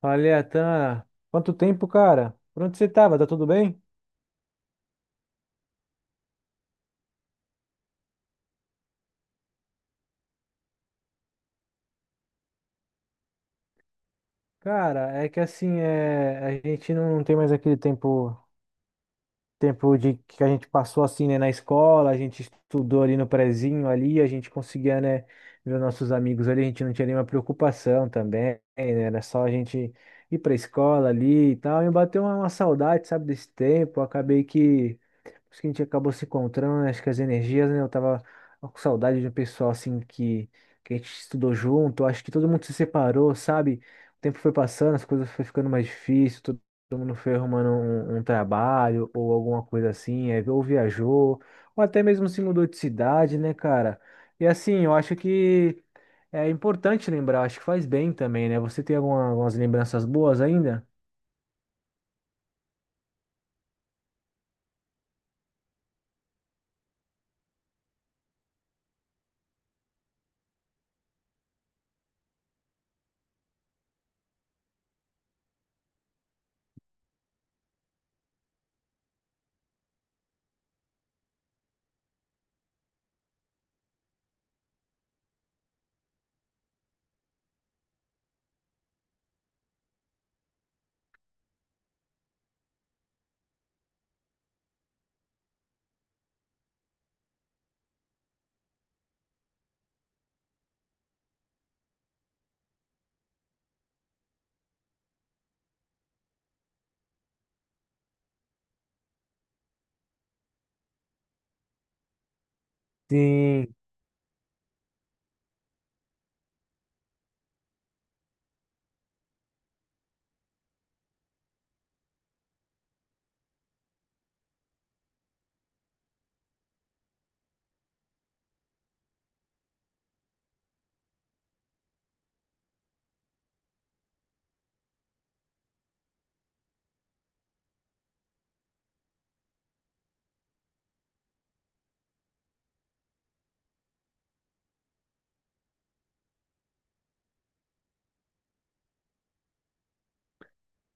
Falei, Atan, quanto tempo, cara? Por onde você tava? Tá tudo bem? Cara, é que assim, é, a gente não tem mais aquele tempo, tempo de que a gente passou assim, né, na escola, a gente estudou ali no prezinho ali, a gente conseguia, né, ver os nossos amigos ali, a gente não tinha nenhuma preocupação também, né, era só a gente ir pra escola ali e tal, e bateu uma saudade, sabe, desse tempo, acabei que acho que a gente acabou se encontrando, né? Acho que as energias, né? Eu tava com saudade de um pessoal assim que a gente estudou junto. Acho que todo mundo se separou, sabe? O tempo foi passando, as coisas foi ficando mais difíceis, todo mundo foi arrumando um trabalho ou alguma coisa assim, aí ou viajou, ou até mesmo se mudou de cidade, né, cara? E assim, eu acho que é importante lembrar, acho que faz bem também, né? Você tem algumas lembranças boas ainda? Sim.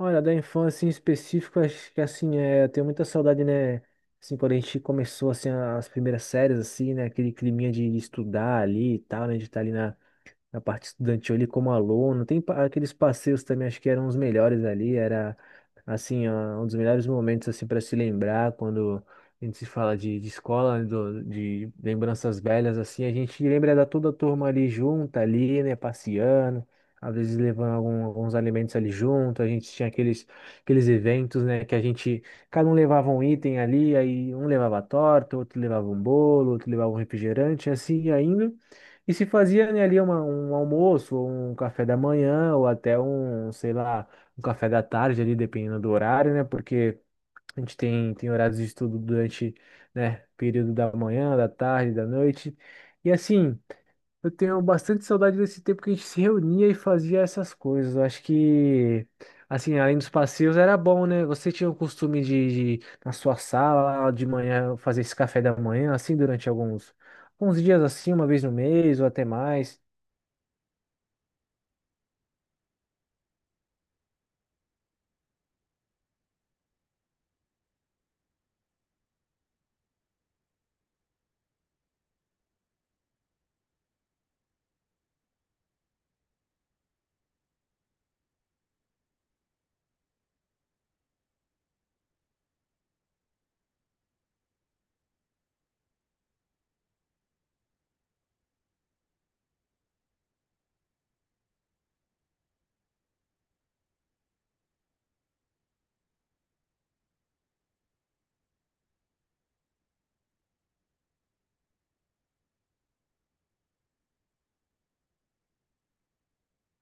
Olha, da infância em específico, acho que assim, é, eu tenho muita saudade, né? Assim, quando a gente começou, assim, as primeiras séries, assim, né? Aquele climinha de estudar ali e tal, né? De estar ali na parte estudantil ali como aluno. Tem aqueles passeios também, acho que eram os melhores ali, era assim, ó, um dos melhores momentos assim para se lembrar quando a gente se fala de escola, né, de lembranças velhas assim, a gente lembra da toda a turma ali junta ali, né, passeando. Às vezes levando alguns alimentos ali junto, a gente tinha aqueles, aqueles eventos, né, que a gente, cada um levava um item ali, aí um levava torta, outro levava um bolo, outro levava um refrigerante, assim, e ainda. E se fazia, né, ali um almoço, ou um café da manhã, ou até um, sei lá, um café da tarde ali, dependendo do horário, né? Porque a gente tem horários de estudo durante, né, período da manhã, da tarde, da noite. E assim. Eu tenho bastante saudade desse tempo que a gente se reunia e fazia essas coisas. Eu acho que, assim, além dos passeios, era bom, né? Você tinha o costume na sua sala, de manhã, fazer esse café da manhã, assim, durante alguns dias, assim, uma vez no mês ou até mais.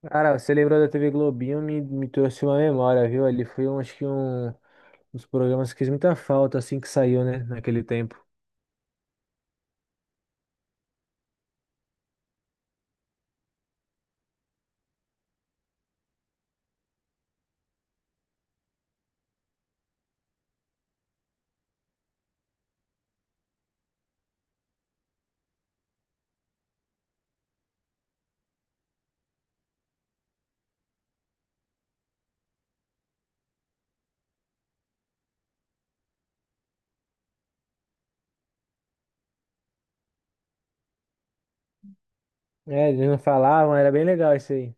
Cara, você lembrou da TV Globinho, me trouxe uma memória, viu? Ali foi, um, acho que, um dos programas que fez muita falta, assim, que saiu, né, naquele tempo. É, eles não falavam, era bem legal isso aí.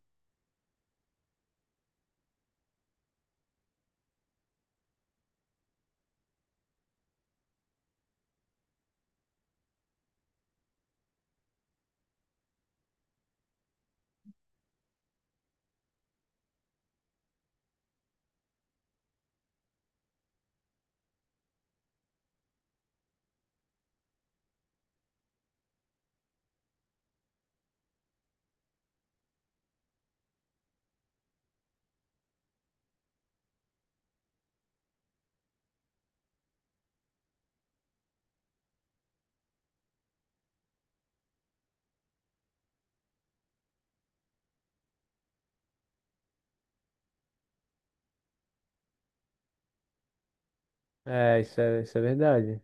É, isso é verdade.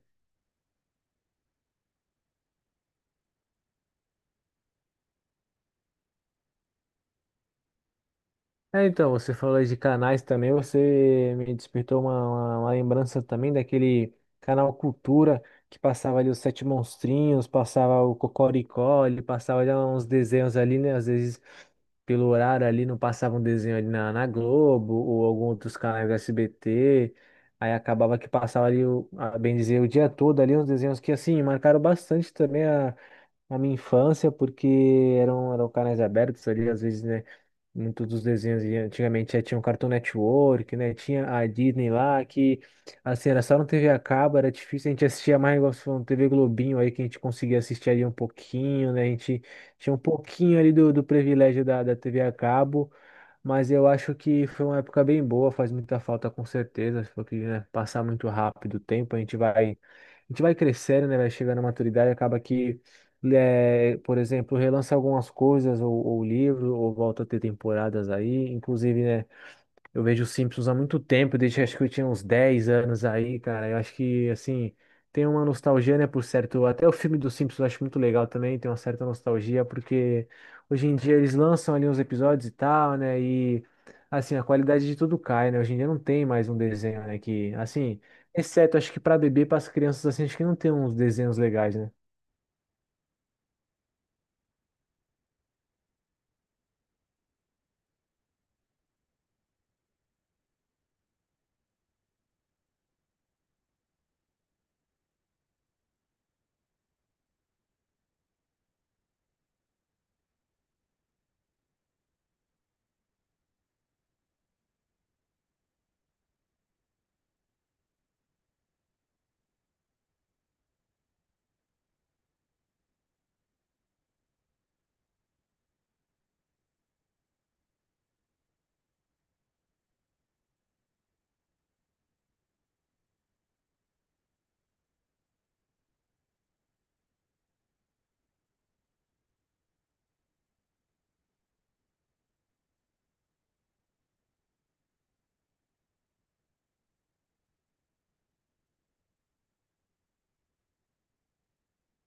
É, então, você falou aí de canais também, você me despertou uma, uma lembrança também daquele canal Cultura, que passava ali os Sete Monstrinhos, passava o Cocoricó, ele passava ali uns desenhos ali, né? Às vezes, pelo horário ali, não passava um desenho ali na Globo ou algum outros canais do SBT. Aí acabava que passava ali, o, a bem dizer, o dia todo ali, uns desenhos que, assim, marcaram bastante também na minha infância, porque eram canais abertos ali, às vezes, né? Muitos dos desenhos e antigamente tinha o Cartoon Network, né? Tinha a Disney lá, que assim, era só no TV a cabo, era difícil, a gente assistia mais igual você falou, no TV Globinho aí, que a gente conseguia assistir ali um pouquinho, né? A gente tinha um pouquinho ali do privilégio da TV a cabo. Mas eu acho que foi uma época bem boa, faz muita falta com certeza, porque, né, passar muito rápido o tempo, a gente vai crescendo, né, vai chegando à maturidade, acaba que, eh, por exemplo, relança algumas coisas, ou livro, ou volta a ter temporadas aí, inclusive, né, eu vejo os Simpsons há muito tempo, desde acho que eu tinha uns 10 anos aí, cara. Eu acho que, assim, tem uma nostalgia, né, por certo. Até o filme dos Simpsons eu acho muito legal também, tem uma certa nostalgia, porque hoje em dia eles lançam ali uns episódios e tal, né, e, assim, a qualidade de tudo cai, né. Hoje em dia não tem mais um desenho, né, que, assim, exceto acho que para bebê, para as crianças, assim, acho que não tem uns desenhos legais, né.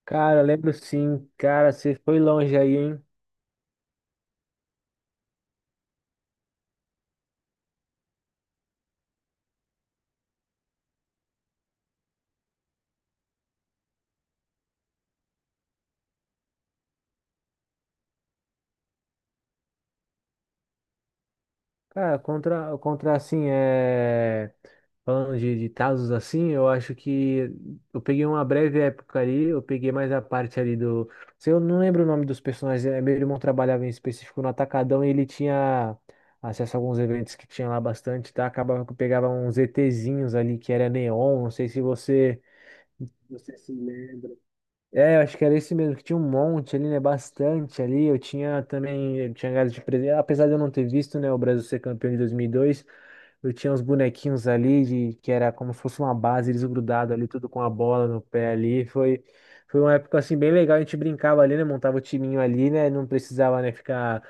Cara, lembro sim, cara, você foi longe aí, hein? Cara, contra assim, é. Falando de casos assim, eu acho que eu peguei uma breve época ali, eu peguei mais a parte ali do. Se eu não lembro o nome dos personagens, eh, meu irmão trabalhava em específico no Atacadão e ele tinha acesso a alguns eventos que tinha lá bastante, tá? Acabava que eu pegava uns ETzinhos ali que era neon, não sei se você. Você se lembra. É, eu acho que era esse mesmo, que tinha um monte ali, né? Bastante ali. Eu tinha também, eu tinha gado de presente. Apesar de eu não ter visto, né, o Brasil ser campeão de 2002, eu tinha uns bonequinhos ali de, que era como se fosse uma base, eles grudados ali, tudo com a bola no pé ali. Foi, foi uma época assim bem legal, a gente brincava ali, né? Montava o timinho ali, né? Não precisava, né, ficar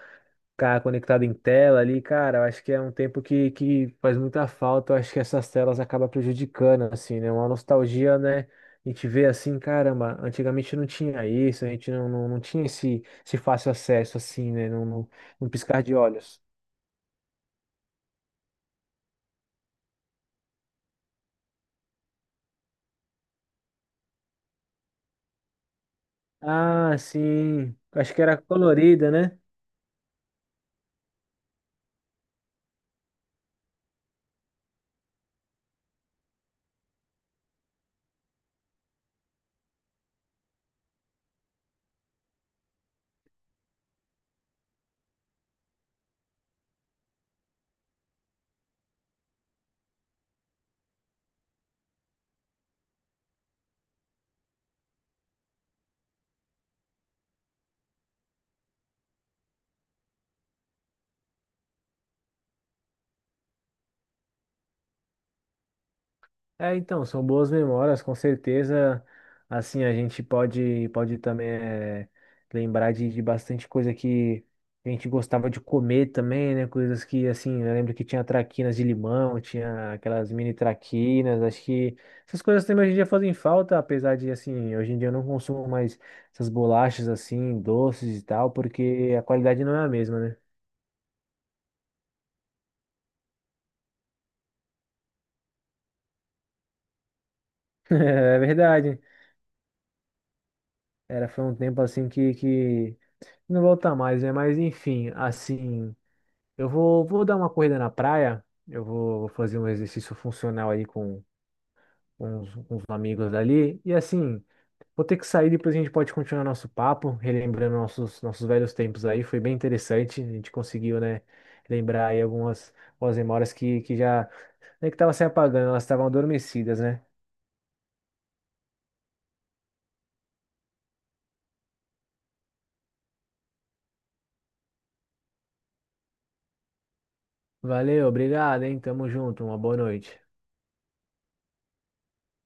conectado em tela ali, cara, eu acho que é um tempo que faz muita falta, eu acho que essas telas acabam prejudicando, assim, né? Uma nostalgia, né? A gente vê assim, caramba, antigamente não tinha isso, a gente não, não, não tinha esse, esse fácil acesso, assim, né? Num piscar de olhos. Ah, sim, acho que era colorida, né? É, então, são boas memórias, com certeza. Assim, a gente pode também eh, lembrar de bastante coisa que a gente gostava de comer também, né? Coisas que, assim, eu lembro que tinha traquinas de limão, tinha aquelas mini traquinas. Acho que essas coisas também hoje em dia fazem falta, apesar de, assim, hoje em dia eu não consumo mais essas bolachas, assim, doces e tal, porque a qualidade não é a mesma, né? É verdade. Era, foi um tempo, assim, que... não volta mais, né? Mas enfim, assim, eu vou dar uma corrida na praia, eu vou fazer um exercício funcional aí com, com os amigos dali. E assim, vou ter que sair, depois a gente pode continuar nosso papo, relembrando nossos, nossos velhos tempos aí. Foi bem interessante, a gente conseguiu, né, lembrar aí algumas, algumas memórias que já, nem que estavam se apagando, elas estavam adormecidas, né? Valeu, obrigado, hein? Tamo junto, uma boa noite.